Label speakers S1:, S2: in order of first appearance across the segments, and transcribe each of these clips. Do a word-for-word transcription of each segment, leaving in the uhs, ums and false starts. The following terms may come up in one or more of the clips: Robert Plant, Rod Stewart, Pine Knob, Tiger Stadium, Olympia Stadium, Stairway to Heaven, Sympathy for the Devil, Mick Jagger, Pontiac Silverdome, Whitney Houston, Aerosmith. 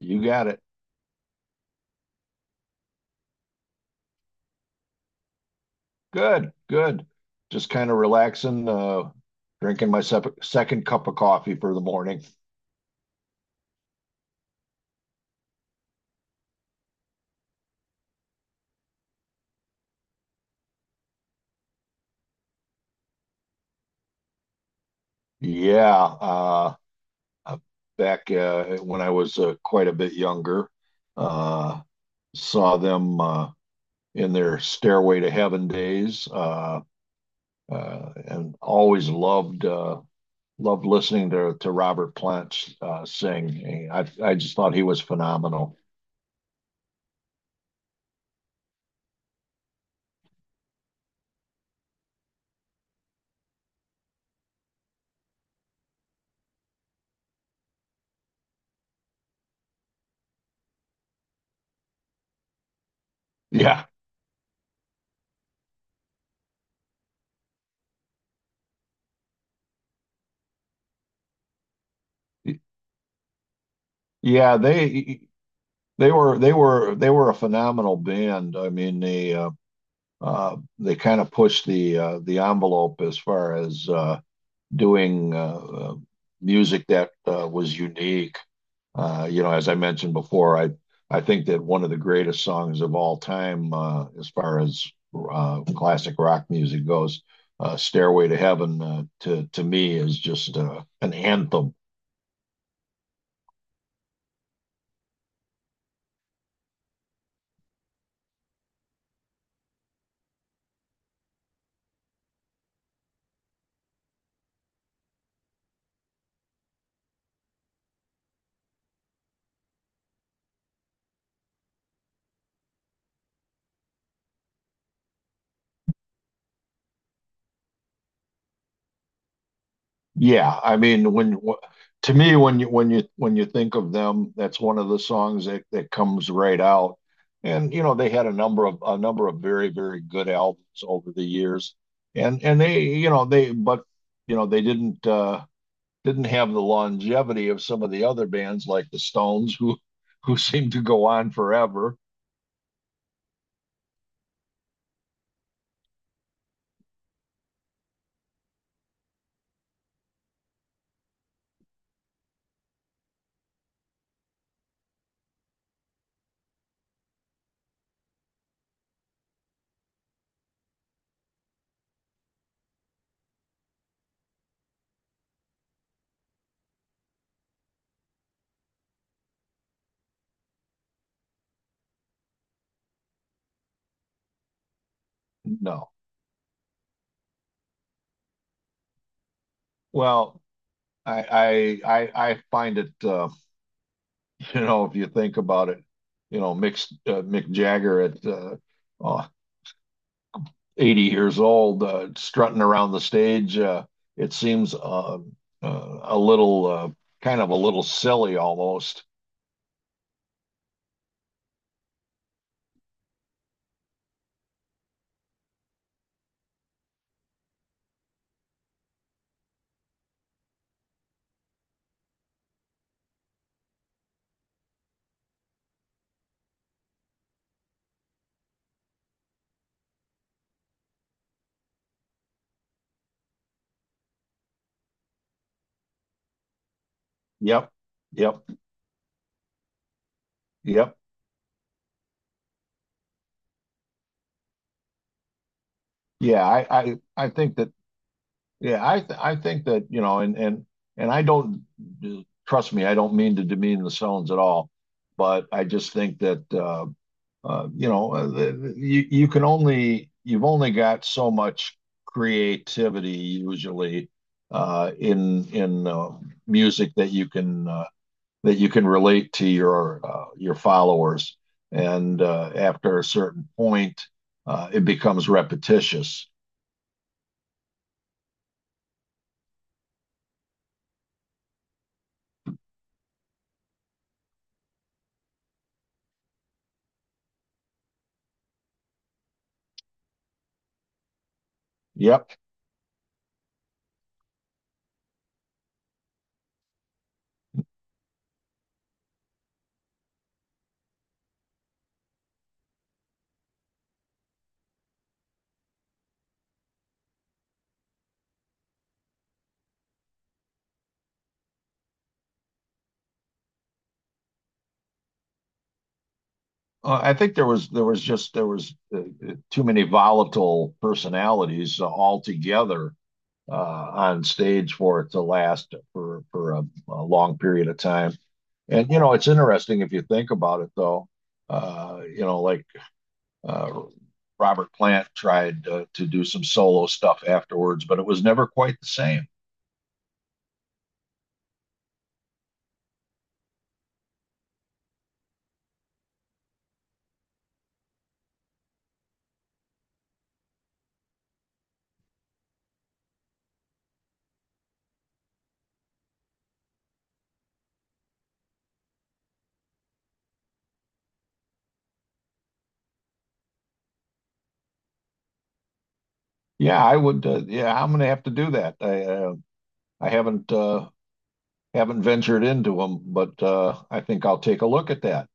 S1: You got it. Good, good. Just kind of relaxing, uh, drinking my sep- second cup of coffee for the morning. Yeah, uh, uh, back uh, when I was uh, quite a bit younger, uh, saw them uh, in their Stairway to Heaven days, uh, uh, and always loved uh, loved listening to to Robert Plant uh, sing. I I just thought he was phenomenal. Yeah. Yeah, they They were they were they were a phenomenal band. I mean, they uh, uh, they kind of pushed the uh, the envelope as far as uh, doing uh, uh, music that uh, was unique. Uh, you know, as I mentioned before, I I think that one of the greatest songs of all time, uh, as far as uh, classic rock music goes, uh, "Stairway to Heaven," uh, to to me is just uh, an anthem. Yeah, I mean, when wh- to me, when you when you when you think of them, that's one of the songs that that comes right out. And you know, they had a number of a number of very very good albums over the years, and and they, you know, they but you know, they didn't uh, didn't have the longevity of some of the other bands like the Stones who who seem to go on forever. No, well, I I I, I find it. Uh, you know, if you think about it, you know, Mick, uh, Mick Jagger at uh, uh, eighty years old, uh, strutting around the stage, uh, it seems uh, uh, a little, uh, kind of a little silly almost. Yep, yep, yep. Yeah, I, I, I think that. Yeah, I, th I think that, you know, and and and I don't, trust me, I don't mean to demean the Stones at all, but I just think that, uh, uh, you know, uh, the, the- you you can only you've only got so much creativity usually uh, in in uh, music that you can, uh, that you can relate to your, uh, your followers, and uh, after a certain point, uh, it becomes repetitious. Yep, uh, I think there was there was just there was uh, uh, too many volatile personalities uh, all together uh, on stage for it to last for for a, a long period of time. And you know, it's interesting if you think about it, though. Uh, you know, like uh, Robert Plant tried uh, to do some solo stuff afterwards, but it was never quite the same. Yeah, I would. Uh, yeah, I'm going to have to do that. I uh, I haven't uh, haven't ventured into them, but uh, I think I'll take a look at that.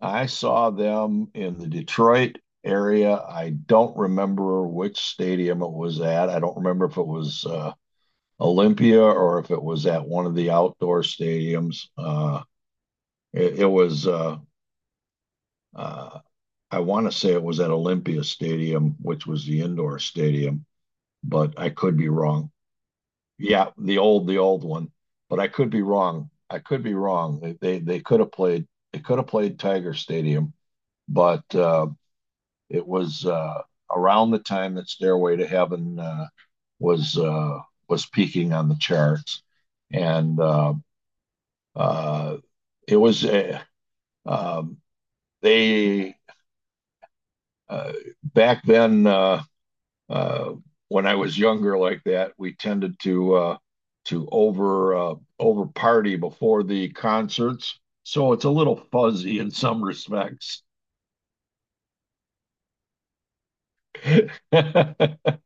S1: I saw them in the Detroit area. I don't remember which stadium it was at. I don't remember if it was uh, Olympia or if it was at one of the outdoor stadiums. Uh, it, it was, uh, uh, I want to say it was at Olympia Stadium, which was the indoor stadium, but I could be wrong. Yeah, the old, the old one, but I could be wrong. I could be wrong. They they, they could have played. They could have played Tiger Stadium, but uh, It was uh, around the time that Stairway to Heaven uh, was uh, was peaking on the charts, and uh, uh, it was uh, um, they uh, back then, uh, uh, when I was younger like that, we tended to uh, to over uh, over party before the concerts, so it's a little fuzzy in some respects.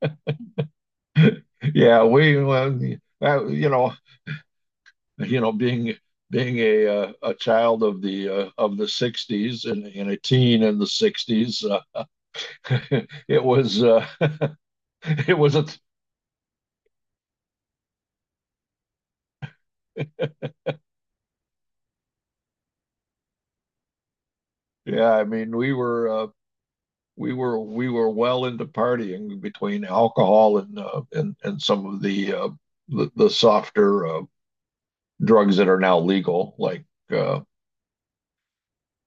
S1: Yeah, we, well, uh, you know, you know, being being a uh, a child of the, uh, of the sixties, and, and a teen in the sixties. uh, it was uh, it was a Yeah, I mean, we were uh, we were we were well into partying between alcohol and, uh, and and some of the, uh, the, the softer uh, drugs that are now legal, like, uh,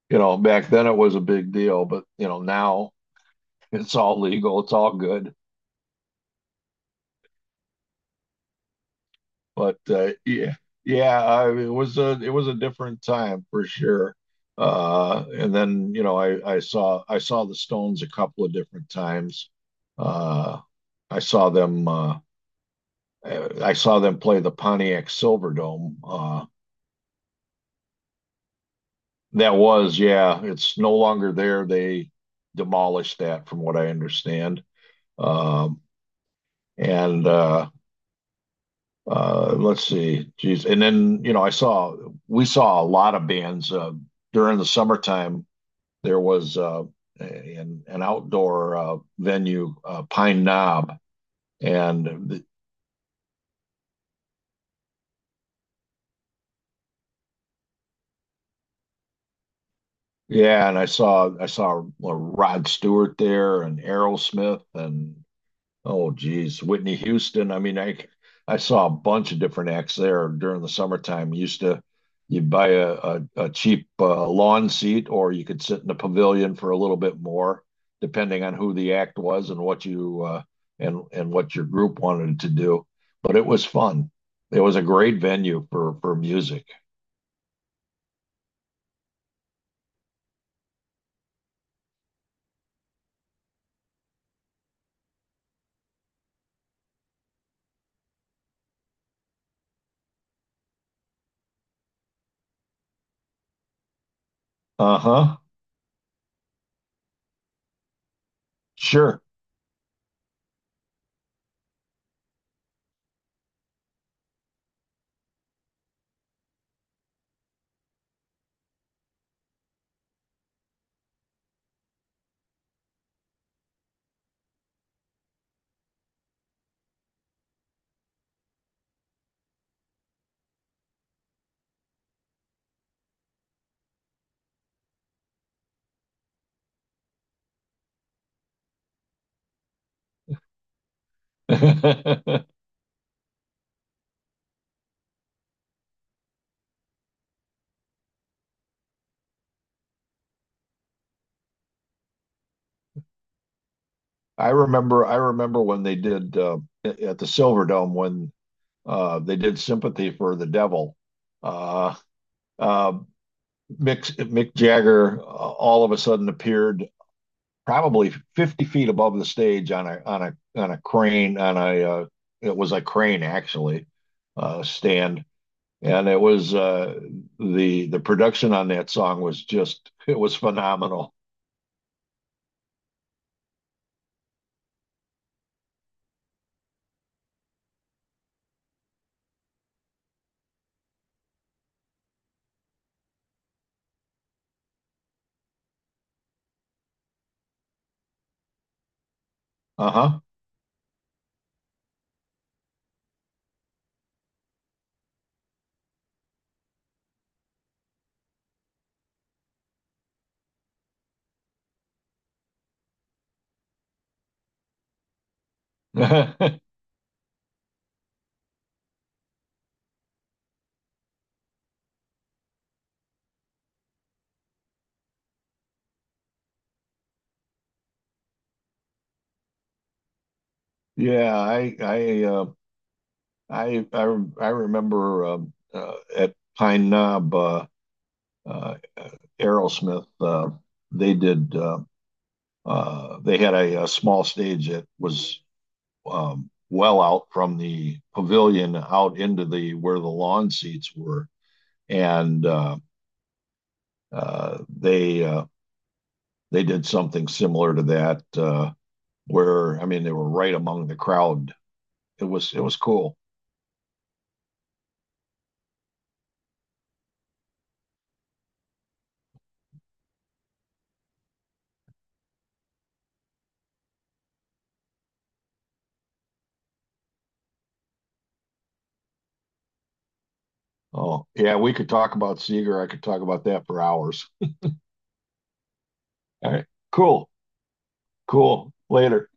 S1: you know, back then it was a big deal, but you know, now it's all legal, it's all good. But uh, yeah, yeah, I, it was a, it was a different time for sure. Uh, and then, you know, I I saw I saw the Stones a couple of different times. Uh, I saw them uh, I saw them play the Pontiac Silverdome. Uh, that was, yeah, it's no longer there. They demolished that, from what I understand. Um, and uh, Uh, let's see. Geez. And then, you know, I saw, we saw a lot of bands uh, during the summertime. There was uh, an, an outdoor uh, venue, uh, Pine Knob. And the, yeah, and I saw, I saw Rod Stewart there, and Aerosmith, and, oh, geez, Whitney Houston. I mean, I I saw a bunch of different acts there during the summertime. Used to You'd buy a, a, a cheap uh, lawn seat, or you could sit in the pavilion for a little bit more, depending on who the act was and what you, uh, and and what your group wanted to do. But it was fun. It was a great venue for for music. Uh-huh. Sure. I remember I remember when they did, uh, at the Silverdome, when, Uh, they did "Sympathy for the Devil." Uh, uh, Mick, Mick Jagger uh, all of a sudden appeared probably fifty feet above the stage on a on a on a crane, on a, uh, it was a crane actually, uh, stand, and it was, uh, the the production on that song was just, it was phenomenal. Uh-huh. Yeah, I I uh, I I I remember, um, uh, at Pine Knob, uh, uh, Aerosmith, uh, they did uh, uh, they had a, a small stage that was, um, well out from the pavilion out into the where the lawn seats were, and uh, uh, they uh, they did something similar to that, uh, where, I mean, they were right among the crowd. It was it was cool. Oh yeah, we could talk about Seeger. I could talk about that for hours. All right, cool, cool. Later.